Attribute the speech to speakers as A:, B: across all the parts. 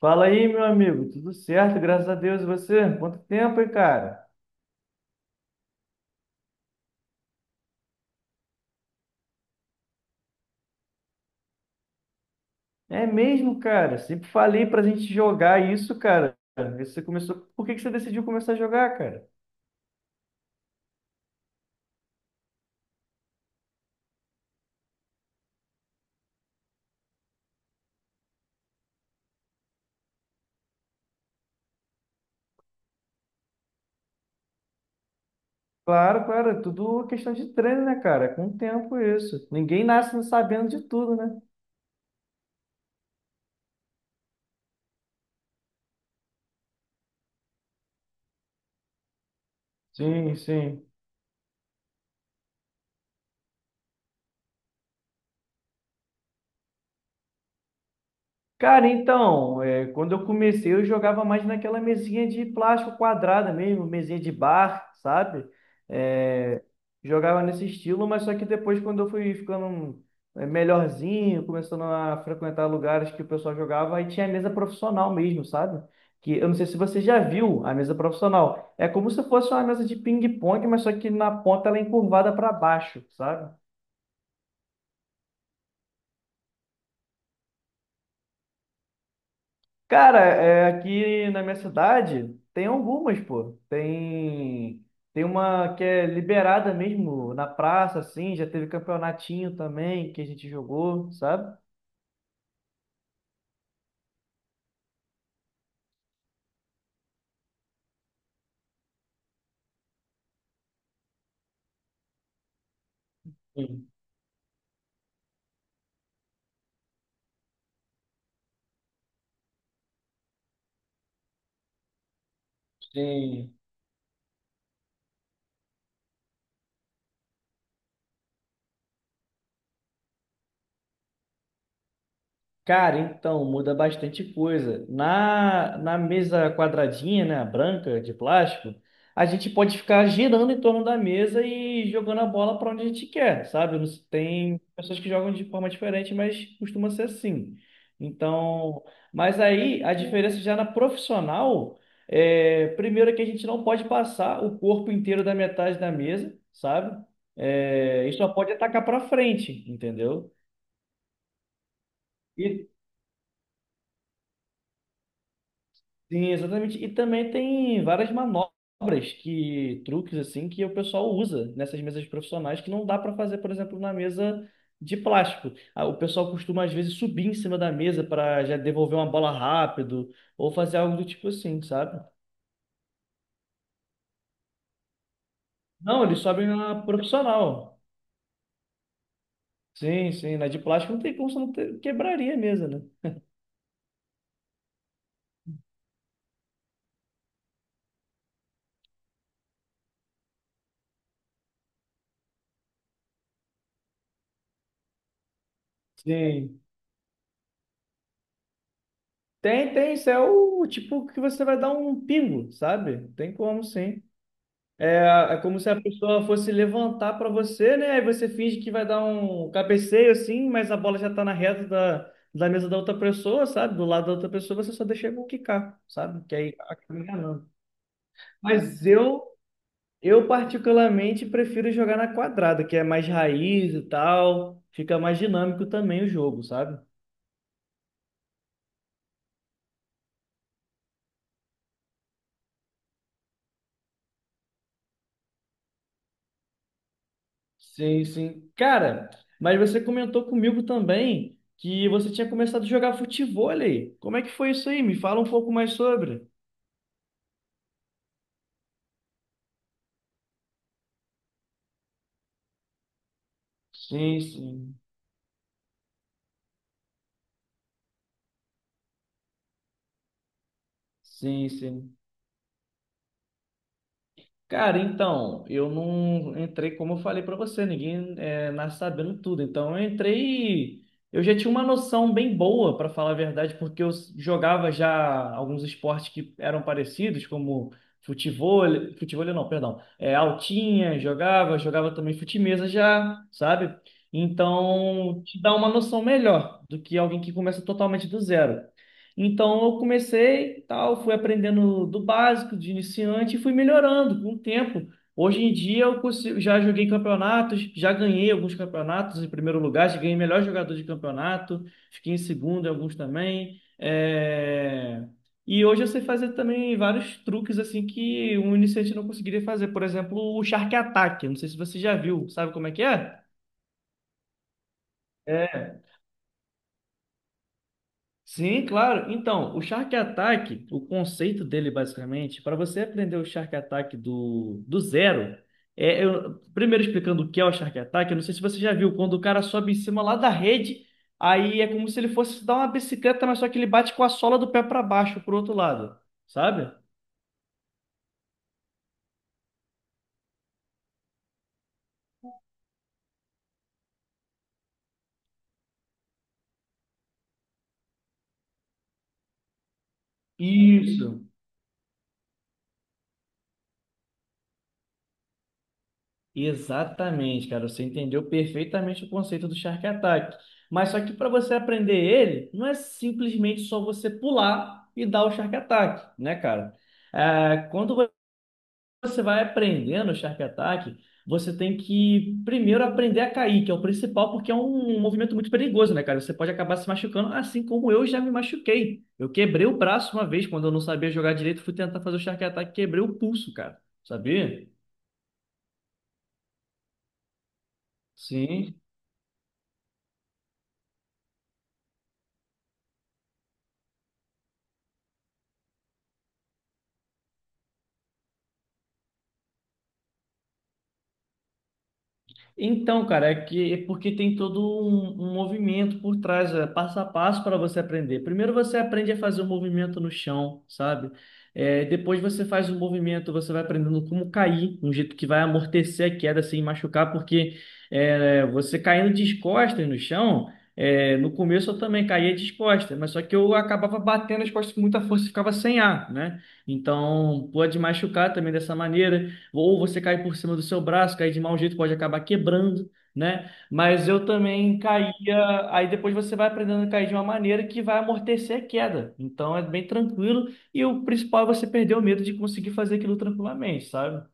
A: Fala aí, meu amigo. Tudo certo? Graças a Deus. E você? Quanto tempo, hein, cara? É mesmo, cara. Sempre falei pra gente jogar isso, cara. Você começou. Por que que você decidiu começar a jogar, cara? Claro, claro. Tudo questão de treino, né, cara? Com o tempo isso. Ninguém nasce sabendo de tudo, né? Sim, sim. Cara, então, quando eu comecei, eu jogava mais naquela mesinha de plástico quadrada mesmo, mesinha de bar, sabe? É, jogava nesse estilo, mas só que depois, quando eu fui ficando melhorzinho, começando a frequentar lugares que o pessoal jogava, aí tinha mesa profissional mesmo, sabe? Que eu não sei se você já viu a mesa profissional. É como se fosse uma mesa de ping-pong, mas só que na ponta ela é encurvada para baixo, sabe? Cara, aqui na minha cidade tem algumas, pô. Tem. Tem uma que é liberada mesmo na praça, assim, já teve campeonatinho também que a gente jogou, sabe? Sim, sim. Cara, então, muda bastante coisa. Na mesa quadradinha, né, branca, de plástico, a gente pode ficar girando em torno da mesa e jogando a bola para onde a gente quer, sabe? Tem pessoas que jogam de forma diferente, mas costuma ser assim. Então, mas aí a diferença já na profissional primeiro é que a gente não pode passar o corpo inteiro da metade da mesa, sabe? E só pode atacar para frente, entendeu? E Sim, exatamente. E também tem várias manobras truques assim, que o pessoal usa nessas mesas profissionais que não dá para fazer, por exemplo, na mesa de plástico. Ah, o pessoal costuma às vezes subir em cima da mesa para já devolver uma bola rápido ou fazer algo do tipo assim, sabe? Não, eles sobem na profissional. Sim, sim, na de plástico não tem como você não ter- quebraria a mesa, né? Sim. Tem, tem, isso é o tipo que você vai dar um pingo, sabe? Tem como, sim. É como se a pessoa fosse levantar para você, né? Aí você finge que vai dar um cabeceio assim, mas a bola já tá na reta da mesa da outra pessoa, sabe? Do lado da outra pessoa, você só deixa ele quicar, sabe? Que aí acaba enganando. Mas eu particularmente prefiro jogar na quadrada, que é mais raiz e tal, fica mais dinâmico também o jogo, sabe? Sim, sim. Cara, mas você comentou comigo também que você tinha começado a jogar futevôlei. Como é que foi isso aí? Me fala um pouco mais sobre. Sim, sim, sim, sim. Cara, então, eu não entrei, como eu falei pra você, ninguém nasce sabendo tudo. Então, eu entrei, eu já tinha uma noção bem boa, pra falar a verdade, porque eu jogava já alguns esportes que eram parecidos, como futebol, futebol não, perdão, altinha, jogava também fute-mesa já, sabe? Então, te dá uma noção melhor do que alguém que começa totalmente do zero. Então eu comecei, tal, fui aprendendo do básico, de iniciante, e fui melhorando com o tempo. Hoje em dia eu consigo, já joguei campeonatos, já ganhei alguns campeonatos em primeiro lugar, já ganhei melhor jogador de campeonato, fiquei em segundo em alguns também. E hoje eu sei fazer também vários truques assim que um iniciante não conseguiria fazer. Por exemplo, o Shark Attack. Não sei se você já viu, sabe como é que é? É. Sim, claro. Então, o Shark Attack, o conceito dele basicamente, para você aprender o Shark Attack do zero, primeiro explicando o que é o Shark Attack, eu não sei se você já viu, quando o cara sobe em cima lá da rede, aí é como se ele fosse dar uma bicicleta, mas só que ele bate com a sola do pé para baixo, pro outro lado, sabe? Isso. Exatamente, cara. Você entendeu perfeitamente o conceito do Shark Attack. Mas só que para você aprender ele, não é simplesmente só você pular e dar o Shark Attack, né, cara? Quando você vai aprendendo o Shark Attack, você tem que primeiro aprender a cair, que é o principal, porque é um movimento muito perigoso, né, cara? Você pode acabar se machucando, assim como eu já me machuquei. Eu quebrei o braço uma vez quando eu não sabia jogar direito, fui tentar fazer o Shark Attack, quebrei o pulso, cara. Sabia? Sim. Então, cara, é que é porque tem todo um movimento por trás, passo a passo para você aprender. Primeiro você aprende a fazer o movimento no chão, sabe? Depois você faz o movimento, você vai aprendendo como cair, um jeito que vai amortecer a queda sem machucar, porque você caindo descostas no chão, no começo eu também caía descostas, mas só que eu acabava batendo as costas com muita força e ficava sem ar, né? Então pode machucar também dessa maneira ou você cair por cima do seu braço, cair de mau jeito, pode acabar quebrando, né? Mas eu também caía, aí depois você vai aprendendo a cair de uma maneira que vai amortecer a queda. Então é bem tranquilo e o principal é você perder o medo de conseguir fazer aquilo tranquilamente, sabe?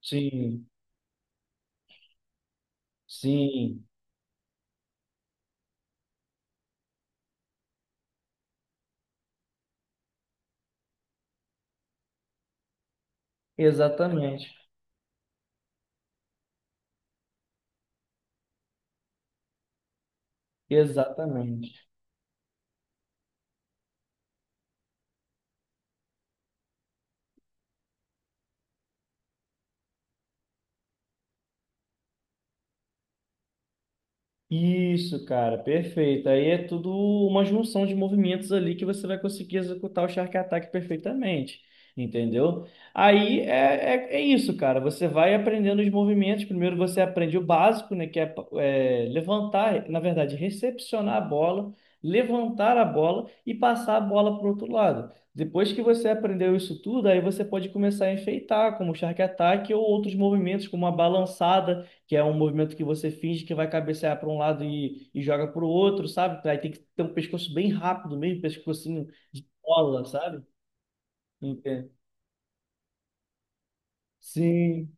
A: Sim, sim, exatamente, exatamente. Isso, cara, perfeito. Aí é tudo uma junção de movimentos ali que você vai conseguir executar o Shark Attack perfeitamente, entendeu? Aí é isso, cara. Você vai aprendendo os movimentos. Primeiro você aprende o básico, né? Que é, levantar, na verdade, recepcionar a bola, levantar a bola e passar a bola para o outro lado. Depois que você aprendeu isso tudo, aí você pode começar a enfeitar, como o Shark Attack ou outros movimentos, como a balançada, que é um movimento que você finge que vai cabecear para um lado e joga para o outro, sabe? Aí tem que ter um pescoço bem rápido mesmo, pescocinho de bola, sabe? Entende? Sim,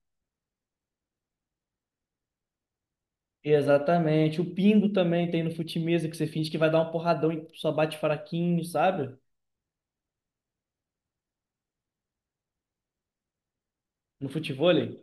A: exatamente. O pingo também tem no fute-mesa, que você finge que vai dar um porradão e só bate fraquinho, sabe? No futevôlei.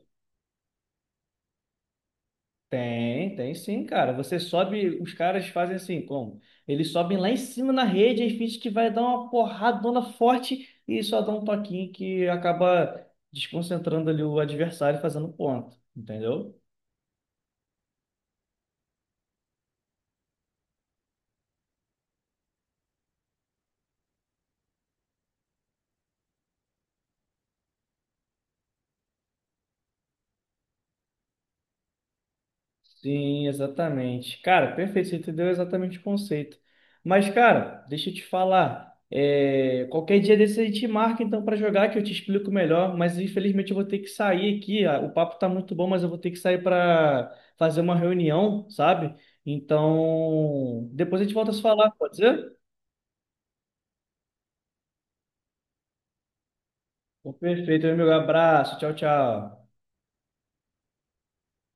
A: Tem, tem sim, cara. Você sobe, os caras fazem assim, como? Eles sobem lá em cima na rede e finge que vai dar uma porradona forte e só dá um toquinho que acaba desconcentrando ali o adversário e fazendo ponto, entendeu? Sim, exatamente. Cara, perfeito, você entendeu exatamente o conceito. Mas, cara, deixa eu te falar. Qualquer dia desse a gente marca então para jogar, que eu te explico melhor. Mas infelizmente eu vou ter que sair aqui. O papo tá muito bom, mas eu vou ter que sair para fazer uma reunião, sabe? Então, depois a gente volta a se falar, pode ser? Então, perfeito, meu amigo. Abraço, tchau, tchau.